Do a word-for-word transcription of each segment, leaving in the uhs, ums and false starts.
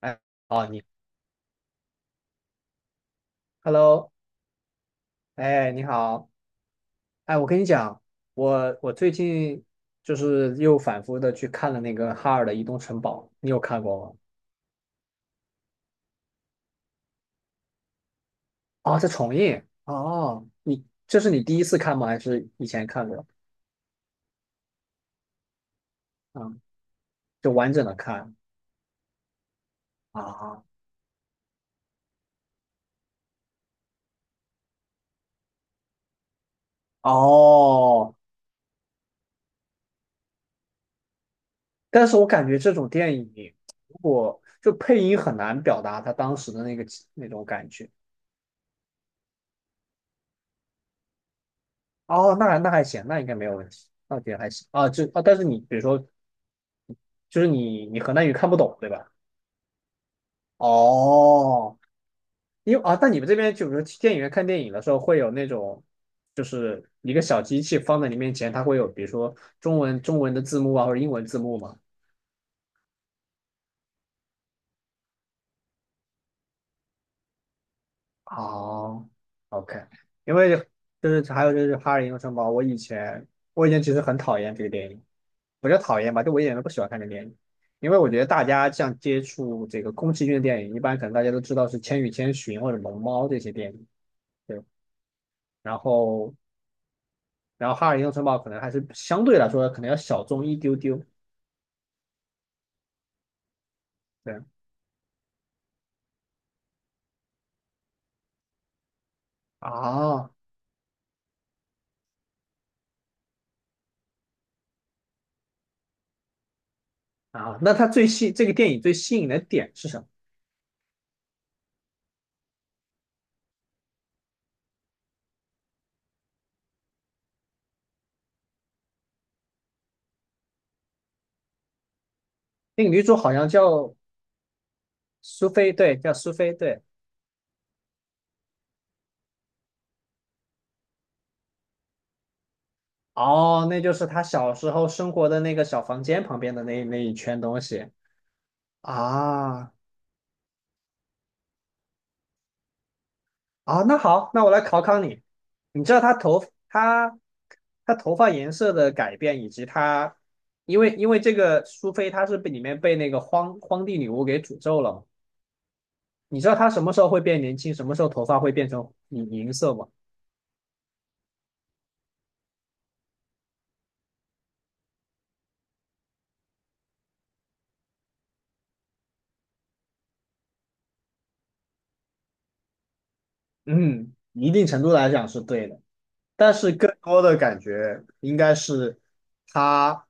哎，哦，你，Hello。哎，你好。哎，我跟你讲，我我最近就是又反复的去看了那个哈尔的移动城堡，你有看过吗？哦，在重映。哦，你这是你第一次看吗？还是以前看过？嗯，就完整的看啊。哦，但是我感觉这种电影，如果就配音很难表达他当时的那个那种感觉。哦，那还那还行，那应该没有问题，那觉还行啊。就啊，但是你比如说就是你你河南语看不懂，对吧？哦，因为啊，但你们这边就比如去电影院看电影的时候，会有那种就是一个小机器放在你面前，它会有比如说中文中文的字幕啊，或者英文字幕嘛。哦，OK。因为就是还有就是《哈尔英雄城堡》，我以前我以前其实很讨厌这个电影，不叫讨厌吧，就我一点都不喜欢看这个电影，因为我觉得大家像接触这个宫崎骏的电影，一般可能大家都知道是《千与千寻》或者《龙猫》这些电影。对。然后然后哈尔移动城堡可能还是相对来说可能要小众一丢丢。对，啊啊，那它最吸这个电影最吸引的点是什么？那个女主好像叫苏菲。对，叫苏菲，对。哦，那就是她小时候生活的那个小房间旁边的那那一圈东西啊啊。那好，那我来考考你，你知道她头她她头发颜色的改变以及她，因为因为这个苏菲她是被里面被那个荒荒地女巫给诅咒了，你知道他什么时候会变年轻，什么时候头发会变成银银色吗？嗯，一定程度来讲是对的，但是更多的感觉应该是他，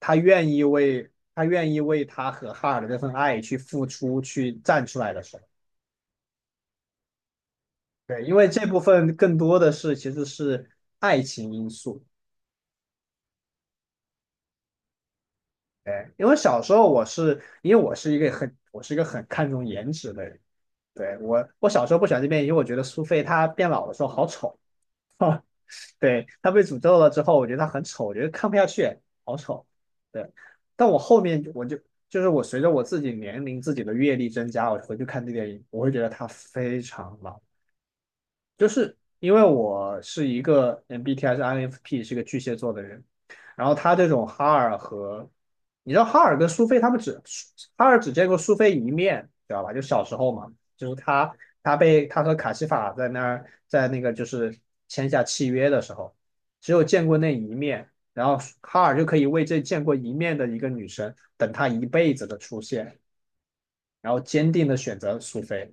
他愿意为他愿意为他和哈尔的这份爱去付出，去站出来的时候。对，因为这部分更多的是其实是爱情因素。对，因为小时候我是因为我是一个很我是一个很看重颜值的人。对，我我小时候不喜欢这边，因为我觉得苏菲她变老的时候好丑。对，他被诅咒了之后，我觉得他很丑，我觉得看不下去，好丑。对，但我后面我就就是我随着我自己年龄、自己的阅历增加，我回去看这电影，我会觉得他非常老。就是因为我是一个 M B T I 是 I N F P 是一个巨蟹座的人，然后他这种哈尔和你知道哈尔跟苏菲他们只哈尔只见过苏菲一面，知道吧？就小时候嘛，就是他他被他和卡西法在那儿在那个就是签下契约的时候，只有见过那一面，然后哈尔就可以为这见过一面的一个女生等她一辈子的出现，然后坚定的选择苏菲。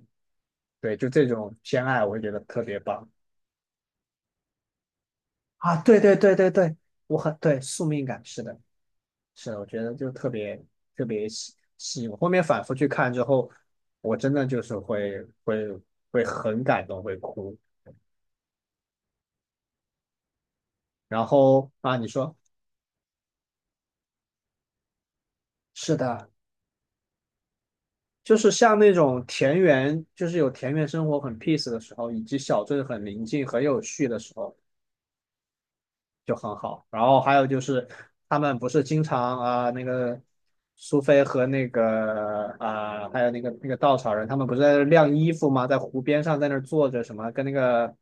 对，就这种偏爱，我也觉得特别棒。啊，对对对对对。我很对宿命感，是的，是的。我觉得就特别特别吸吸引我。后面反复去看之后，我真的就是会会会很感动，会哭。然后啊，你说，是的。就是像那种田园，就是有田园生活很 peace 的时候，以及小镇很宁静、很有序的时候，就很好。然后还有就是他们不是经常啊、那个苏菲和那个啊、还有那个那个稻草人，他们不是在那晾衣服吗？在湖边上在那儿坐着什么，跟那个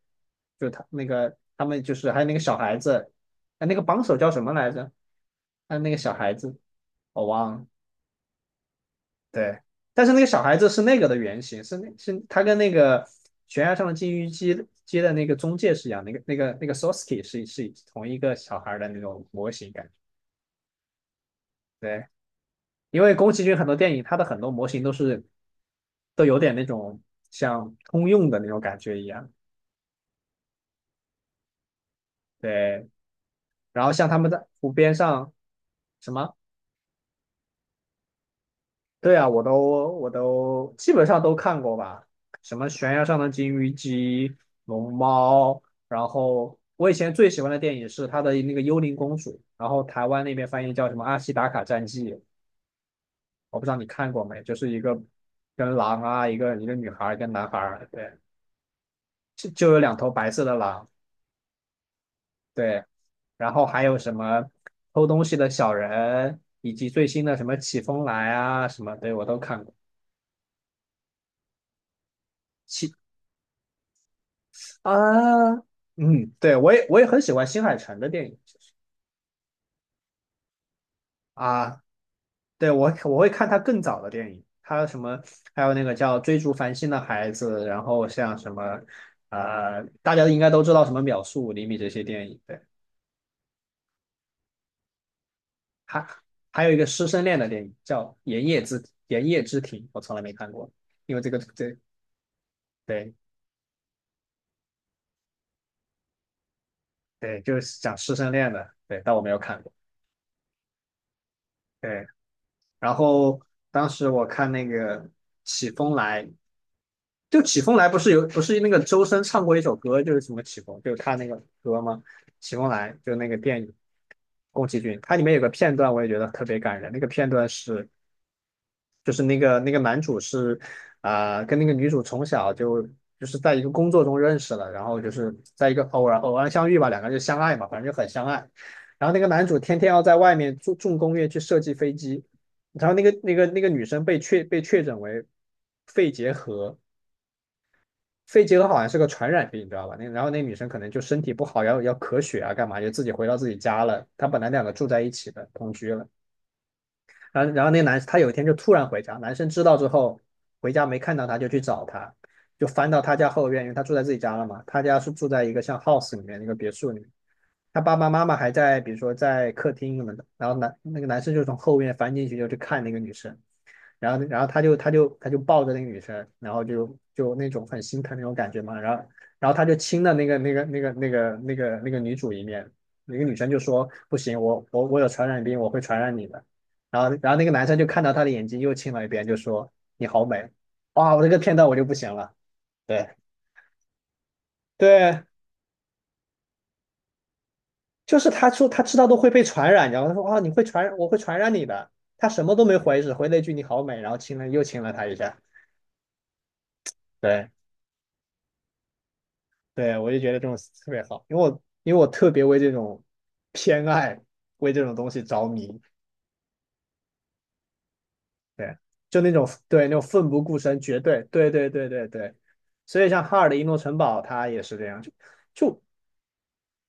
就他那个他们就是还有那个小孩子。哎，那个帮手叫什么来着？还有那个小孩子，我忘了。对。但是那个小孩子是那个的原型，是那是他跟那个悬崖上的金鱼姬姬的那个中介是一样，那个那个那个 s o s k e 是是同一个小孩的那种模型感。对，因为宫崎骏很多电影，它的很多模型都是都有点那种像通用的那种感觉一样。对，然后像他们在湖边上什么。对啊，我都我都基本上都看过吧。什么悬崖上的金鱼姬、龙猫，然后我以前最喜欢的电影是他的那个《幽灵公主》，然后台湾那边翻译叫什么《阿西达卡战记》，我不知道你看过没，就是一个跟狼啊，一个一个女孩儿，一个男孩儿。对，就就有两头白色的狼。对，然后还有什么偷东西的小人，以及最新的什么起风来啊什么，对我都看过。起啊，嗯，对我也我也很喜欢新海诚的电影。啊，对我我会看他更早的电影，他什么还有那个叫《追逐繁星的孩子》，然后像什么呃，大家应该都知道什么《秒速五厘米》这些电影。对。还还有一个师生恋的电影叫《盐业之盐业之庭》，我从来没看过，因为这个这对对，就是讲师生恋的。对，但我没有看过。对，然后当时我看那个《起风来》，就《起风来》不是有不是那个周深唱过一首歌，就是什么起风，就是他那个歌吗？《起风来》就那个电影，宫崎骏，它里面有个片段我也觉得特别感人，那个片段是就是那个那个男主是啊、呃跟那个女主从小就就是在一个工作中认识了，然后就是在一个偶然偶然相遇吧，两个人就相爱嘛，反正就很相爱。然后那个男主天天要在外面重重工业去设计飞机，然后那个那个那个女生被确被确诊为肺结核。肺结核好像是个传染病，你知道吧？那然后那女生可能就身体不好，要要咳血啊，干嘛就自己回到自己家了。她本来两个住在一起的，同居了。然后然后那个男他有一天就突然回家，男生知道之后回家没看到他，就去找他，就翻到他家后院，因为他住在自己家了嘛，他家是住在一个像 house 里面那个别墅里面。他爸爸妈妈还在比如说在客厅什么的，然后男那个男生就从后院翻进去就去看那个女生，然后然后他就他就他就抱着那个女生，然后就就那种很心疼那种感觉嘛。然后然后他就亲了那个那个那个那个那个那个女主一面，那个女生就说不行，我我我有传染病，我会传染你的。然后然后那个男生就看到她的眼睛又亲了一遍，就说你好美。哇，我这个片段我就不行了。对对，就是他说他知道都会被传染，然后他说啊你会传染，我会传染你的，他什么都没回，只回了一句你好美，然后亲了又亲了她一下。对。对，我就觉得这种特别好，因为我因为我特别为这种偏爱，为这种东西着迷。对，就那种对那种奋不顾身，绝对，对对对对对。所以像哈尔的《移诺城堡》，它也是这样，就就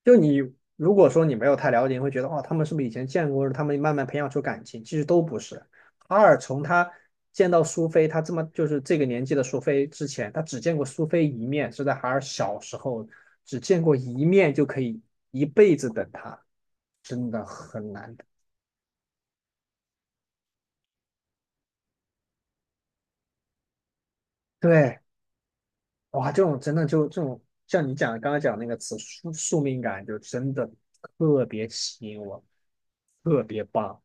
就你如果说你没有太了解，你会觉得哇，他们是不是以前见过？他们慢慢培养出感情，其实都不是。哈尔从他见到苏菲，他这么就是这个年纪的苏菲之前，他只见过苏菲一面，是在哈尔小时候只见过一面就可以一辈子等他，真的很难的。对，哇，这种真的就这种像你讲刚才讲那个词宿宿命感，就真的特别吸引我，特别棒。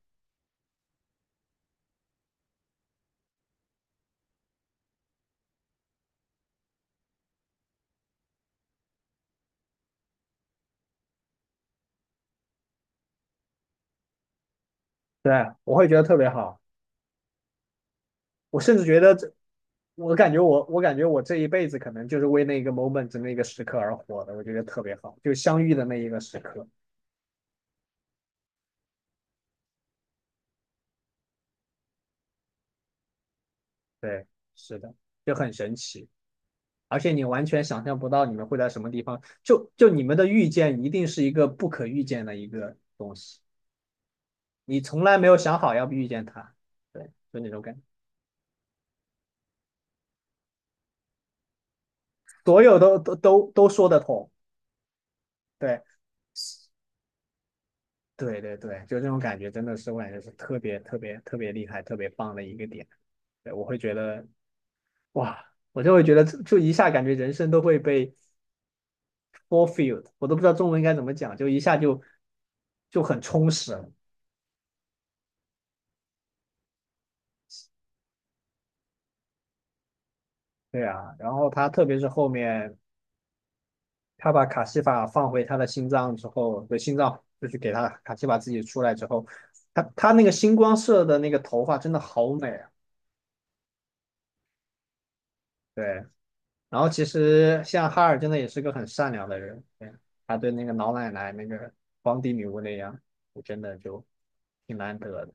对，我会觉得特别好。我甚至觉得这我感觉我我感觉我这一辈子可能就是为那个 moment 那个时刻而活的，我觉得特别好，就相遇的那一个时刻。对，是的，就很神奇，而且你完全想象不到你们会在什么地方，就就你们的遇见一定是一个不可预见的一个东西，你从来没有想好要遇见他。对，就那种感觉，所有都都都都说得通。对对对对，就这种感觉真的是，我感觉是特别特别特别厉害、特别棒的一个点。对，我会觉得哇，我就会觉得就一下感觉人生都会被 fulfilled，我都不知道中文应该怎么讲，就一下就就很充实了。对啊，然后他特别是后面他把卡西法放回他的心脏之后，对心脏就是给他卡西法自己出来之后，他他那个星光色的那个头发真的好美啊。对，然后其实像哈尔真的也是个很善良的人。对他对那个老奶奶那个皇帝女巫那样，我真的就挺难得的。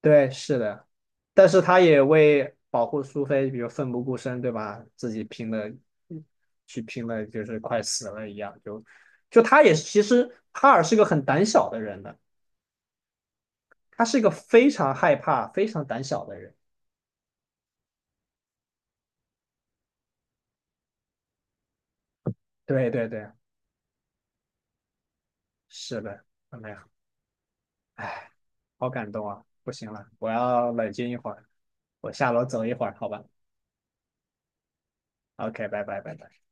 对，是的。但是他也为保护苏菲，比如奋不顾身，对吧？自己拼了，去拼了，就是快死了一样。就就他也是，其实哈尔是个很胆小的人的，他是一个非常害怕、非常胆小的人。对对对，是的，怎么样？哎，好感动啊！不行了，我要冷静一会儿，我下楼走一会儿，好吧？OK，拜拜拜拜。